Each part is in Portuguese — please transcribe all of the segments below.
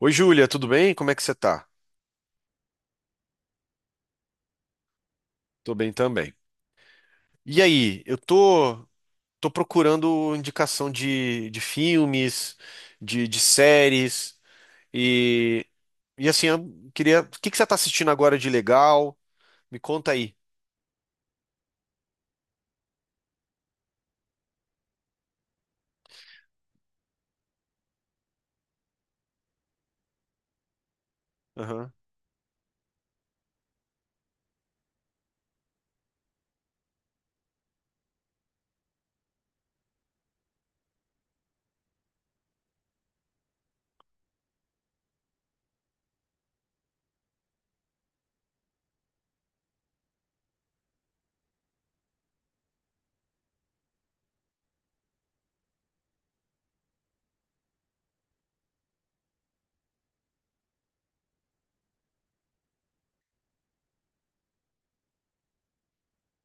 Oi, Júlia, tudo bem? Como é que você tá? Tô bem também. E aí, tô procurando indicação de filmes, de séries, e, e assim, eu queria. O que que você tá assistindo agora de legal? Me conta aí. Aham.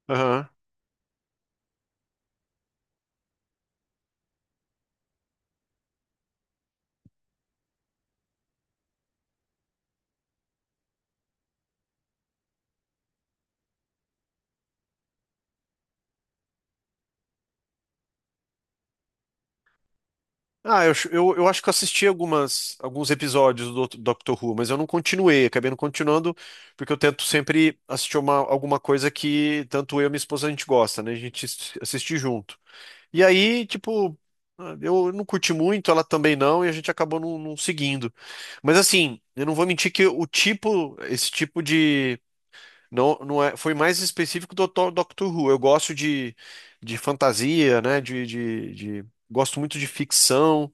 Aham. Eu acho que eu assisti alguns episódios do Doctor Who, mas eu não continuei, acabei não continuando, porque eu tento sempre assistir alguma coisa que tanto eu e minha esposa a gente gosta, né? A gente assiste junto. E aí, tipo, eu não curti muito, ela também não, e a gente acabou não seguindo. Mas assim, eu não vou mentir que o tipo, esse tipo de. Não, não é, foi mais específico do Dr Doctor Who. Eu gosto de fantasia, né? Gosto muito de ficção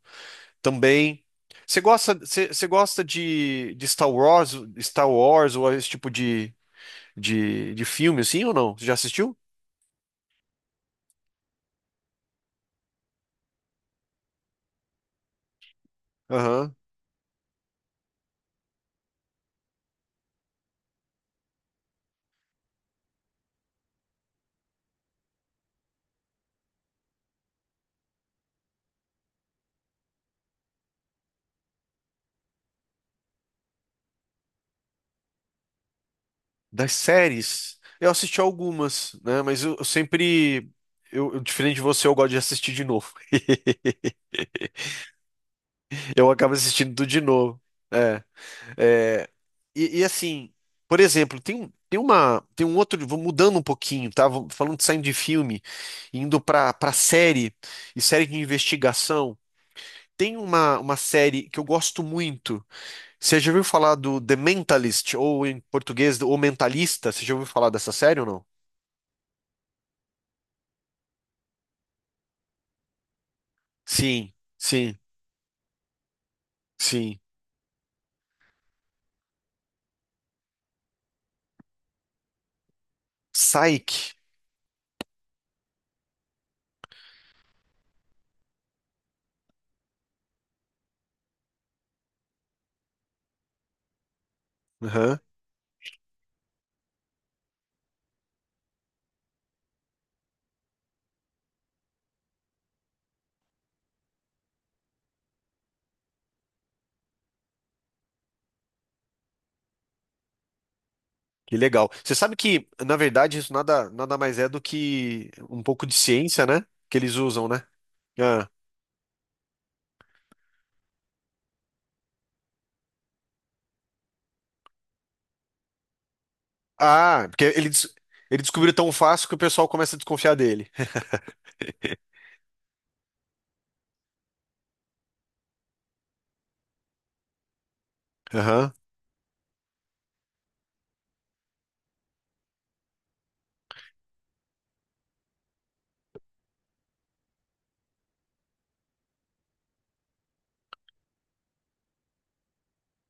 também. Você gosta de Star Wars, Star Wars ou esse tipo de filme, assim, ou não? Você já assistiu? Aham. Das séries, eu assisti algumas, né? Mas eu sempre. Eu, diferente de você, eu gosto de assistir de novo. Eu acabo assistindo tudo de novo. É, é, e assim, por exemplo, tem uma. Tem um outro. Vou mudando um pouquinho, tá? Vou falando de saindo de filme, indo pra série e série de investigação. Uma série que eu gosto muito. Você já ouviu falar do The Mentalist, ou em português, O Mentalista? Você já ouviu falar dessa série ou não? Sim, sim, sim. Psyche. Aham. Que legal. Você sabe que, na verdade, nada mais é do que um pouco de ciência, né? Que eles usam, né? Ah. Ah, ele descobriu tão fácil que o pessoal começa a desconfiar dele. Aham.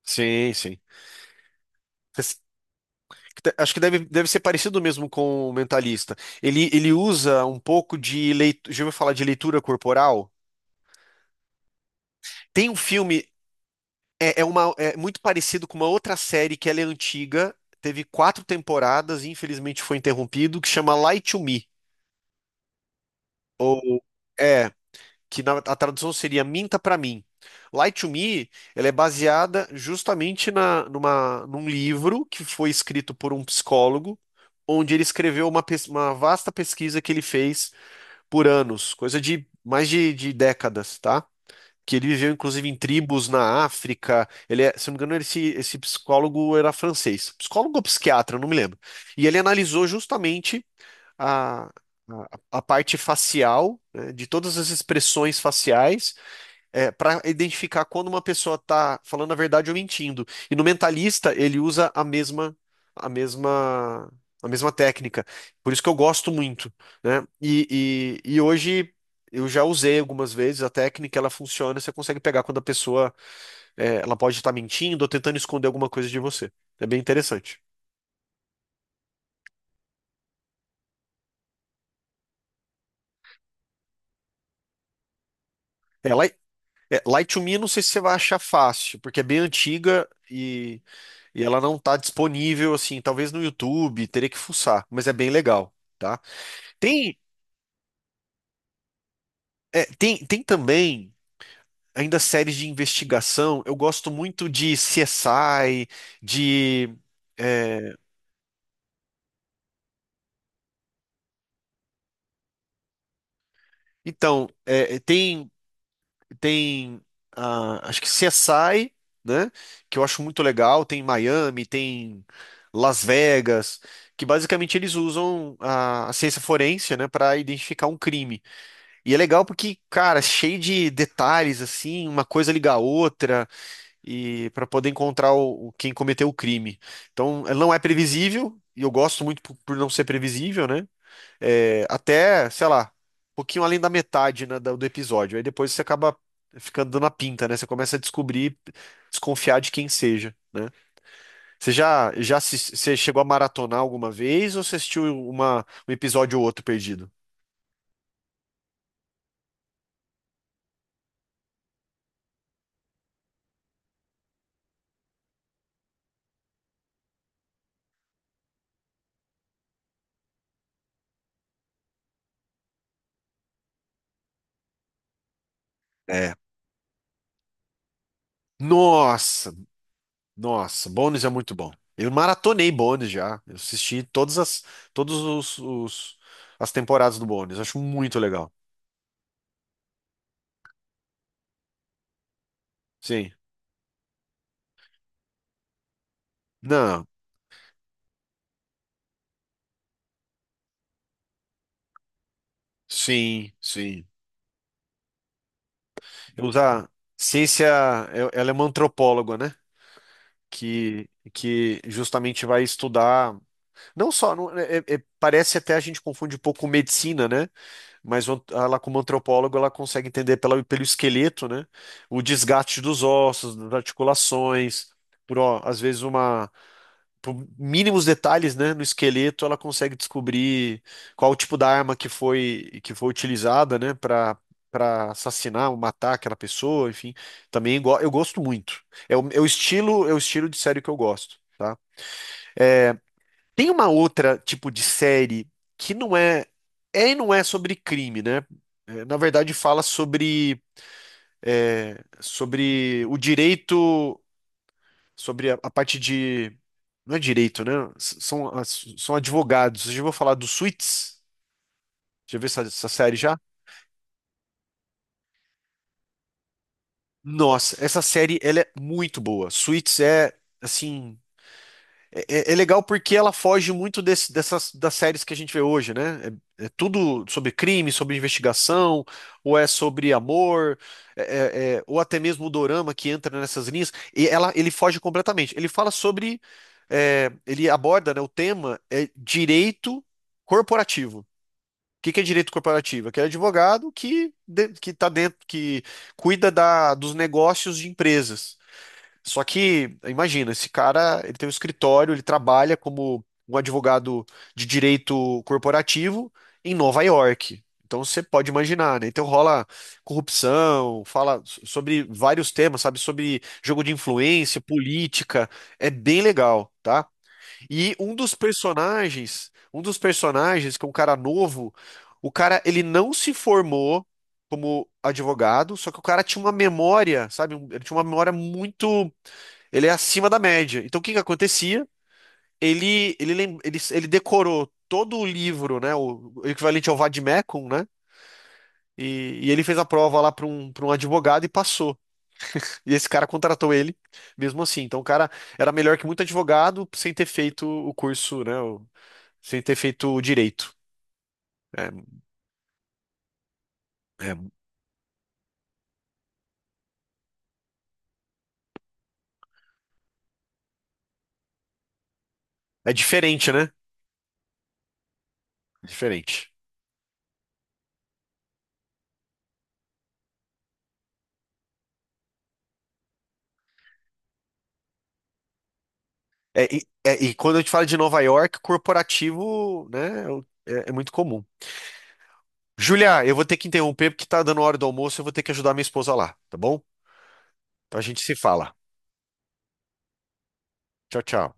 Sim, sim. Esse- acho que deve ser parecido mesmo com o mentalista. Ele usa um pouco de leitura. Já ouviu falar de leitura corporal? Tem um filme. É, é muito parecido com uma outra série que ela é antiga, teve quatro temporadas e infelizmente foi interrompido, que chama Lie to Me. Ou é, que na, a tradução seria Minta pra mim. Lie to Me, ela é baseada justamente num livro que foi escrito por um psicólogo, onde ele escreveu uma vasta pesquisa que ele fez por anos, coisa de mais de décadas, tá? Que ele viveu inclusive em tribos na África. Ele é, se não me engano, esse psicólogo era francês, psicólogo ou psiquiatra, não me lembro. E ele analisou justamente a, a, a parte facial, né, de todas as expressões faciais para identificar quando uma pessoa está falando a verdade ou mentindo. E no mentalista ele usa a mesma a mesma técnica. Por isso que eu gosto muito, né? E hoje eu já usei algumas vezes a técnica, ela funciona, você consegue pegar quando a pessoa é, ela pode estar mentindo ou tentando esconder alguma coisa de você. É bem interessante. Ela, é, Light to Me, não sei se você vai achar fácil, porque é bem antiga e ela não tá disponível, assim, talvez no YouTube, teria que fuçar, mas é bem legal, tá? Tem, é, tem também ainda séries de investigação, eu gosto muito de CSI, de... é, então, é, Tem, ah, acho que CSI, né? Que eu acho muito legal. Tem Miami, tem Las Vegas, que basicamente eles usam a ciência forense, né, para identificar um crime. E é legal porque, cara, é cheio de detalhes assim, uma coisa liga a outra e para poder encontrar quem cometeu o crime. Então, ela não é previsível. E eu gosto muito por não ser previsível, né? É, até, sei lá, um pouquinho além da metade, né, do episódio. Aí depois você acaba ficando dando a pinta, né? Você começa a descobrir, desconfiar de quem seja, né? Você já, já assis- você chegou a maratonar alguma vez ou você assistiu um episódio ou outro perdido? É. Nossa, nossa, Bones é muito bom. Eu maratonei Bones já. Eu assisti todas as, todos os, as temporadas do Bones. Acho muito legal. Sim. Não, sim, sim. Usar ciência, é- ela é uma antropóloga, né? Que justamente vai estudar, não só, não- é- é- é, parece até a gente confunde um pouco com medicina, né? Mas o ant- ela, como antropóloga, ela consegue entender pelo esqueleto, né? O desgaste dos ossos, das articulações, por, ó, às vezes, uma por mínimos detalhes, né, no esqueleto, ela consegue descobrir qual o tipo da arma que foi utilizada, né, para assassinar ou matar aquela pessoa, enfim. Também go- eu gosto muito. É o estilo de série que eu gosto, tá? Tem uma outra tipo de série que não é é e não é sobre crime, né? É, na verdade, fala sobre é, sobre o direito sobre a parte de. Não é direito, né? S- são, as- são advogados. Eu já vou falar do Suits. Já viu essa série já? Nossa, essa série ela é muito boa. Suits é assim. É, é é legal porque ela foge muito desse- dessas das séries que a gente vê hoje, né? É, é tudo sobre crime, sobre investigação, ou é sobre amor, é- é- é- ou até mesmo o dorama que entra nessas linhas. E ela, ele foge completamente. Ele fala sobre, é, ele aborda, né, o tema é direito corporativo. O que que é direito corporativo? É aquele advogado que de- que está dentro, que cuida da, dos negócios de empresas. Só que, imagina, esse cara, ele tem um escritório, ele trabalha como um advogado de direito corporativo em Nova York. Então você pode imaginar, né? Então rola corrupção, fala so- sobre vários temas, sabe? Sobre jogo de influência, política. É bem legal, tá? E um dos personagens, que é um cara novo, o cara, ele não se formou como advogado, só que o cara tinha uma memória, sabe? Um- ele tinha uma memória muito ele é acima da média. Então, o que que acontecia? Ele decorou todo o livro, né? O equivalente ao vade-mecum, né? E ele fez a prova lá para um advogado e passou. E esse cara contratou ele, mesmo assim. Então, o cara era melhor que muito advogado sem ter feito o curso, né? O- sem ter feito o direito. É, é, é diferente, né? Diferente. É, e quando a gente fala de Nova York, corporativo, né? É, o- é é muito comum. Julia, eu vou ter que interromper porque tá dando hora do almoço, eu vou ter que ajudar minha esposa lá, tá bom? Então a gente se fala. Tchau, tchau.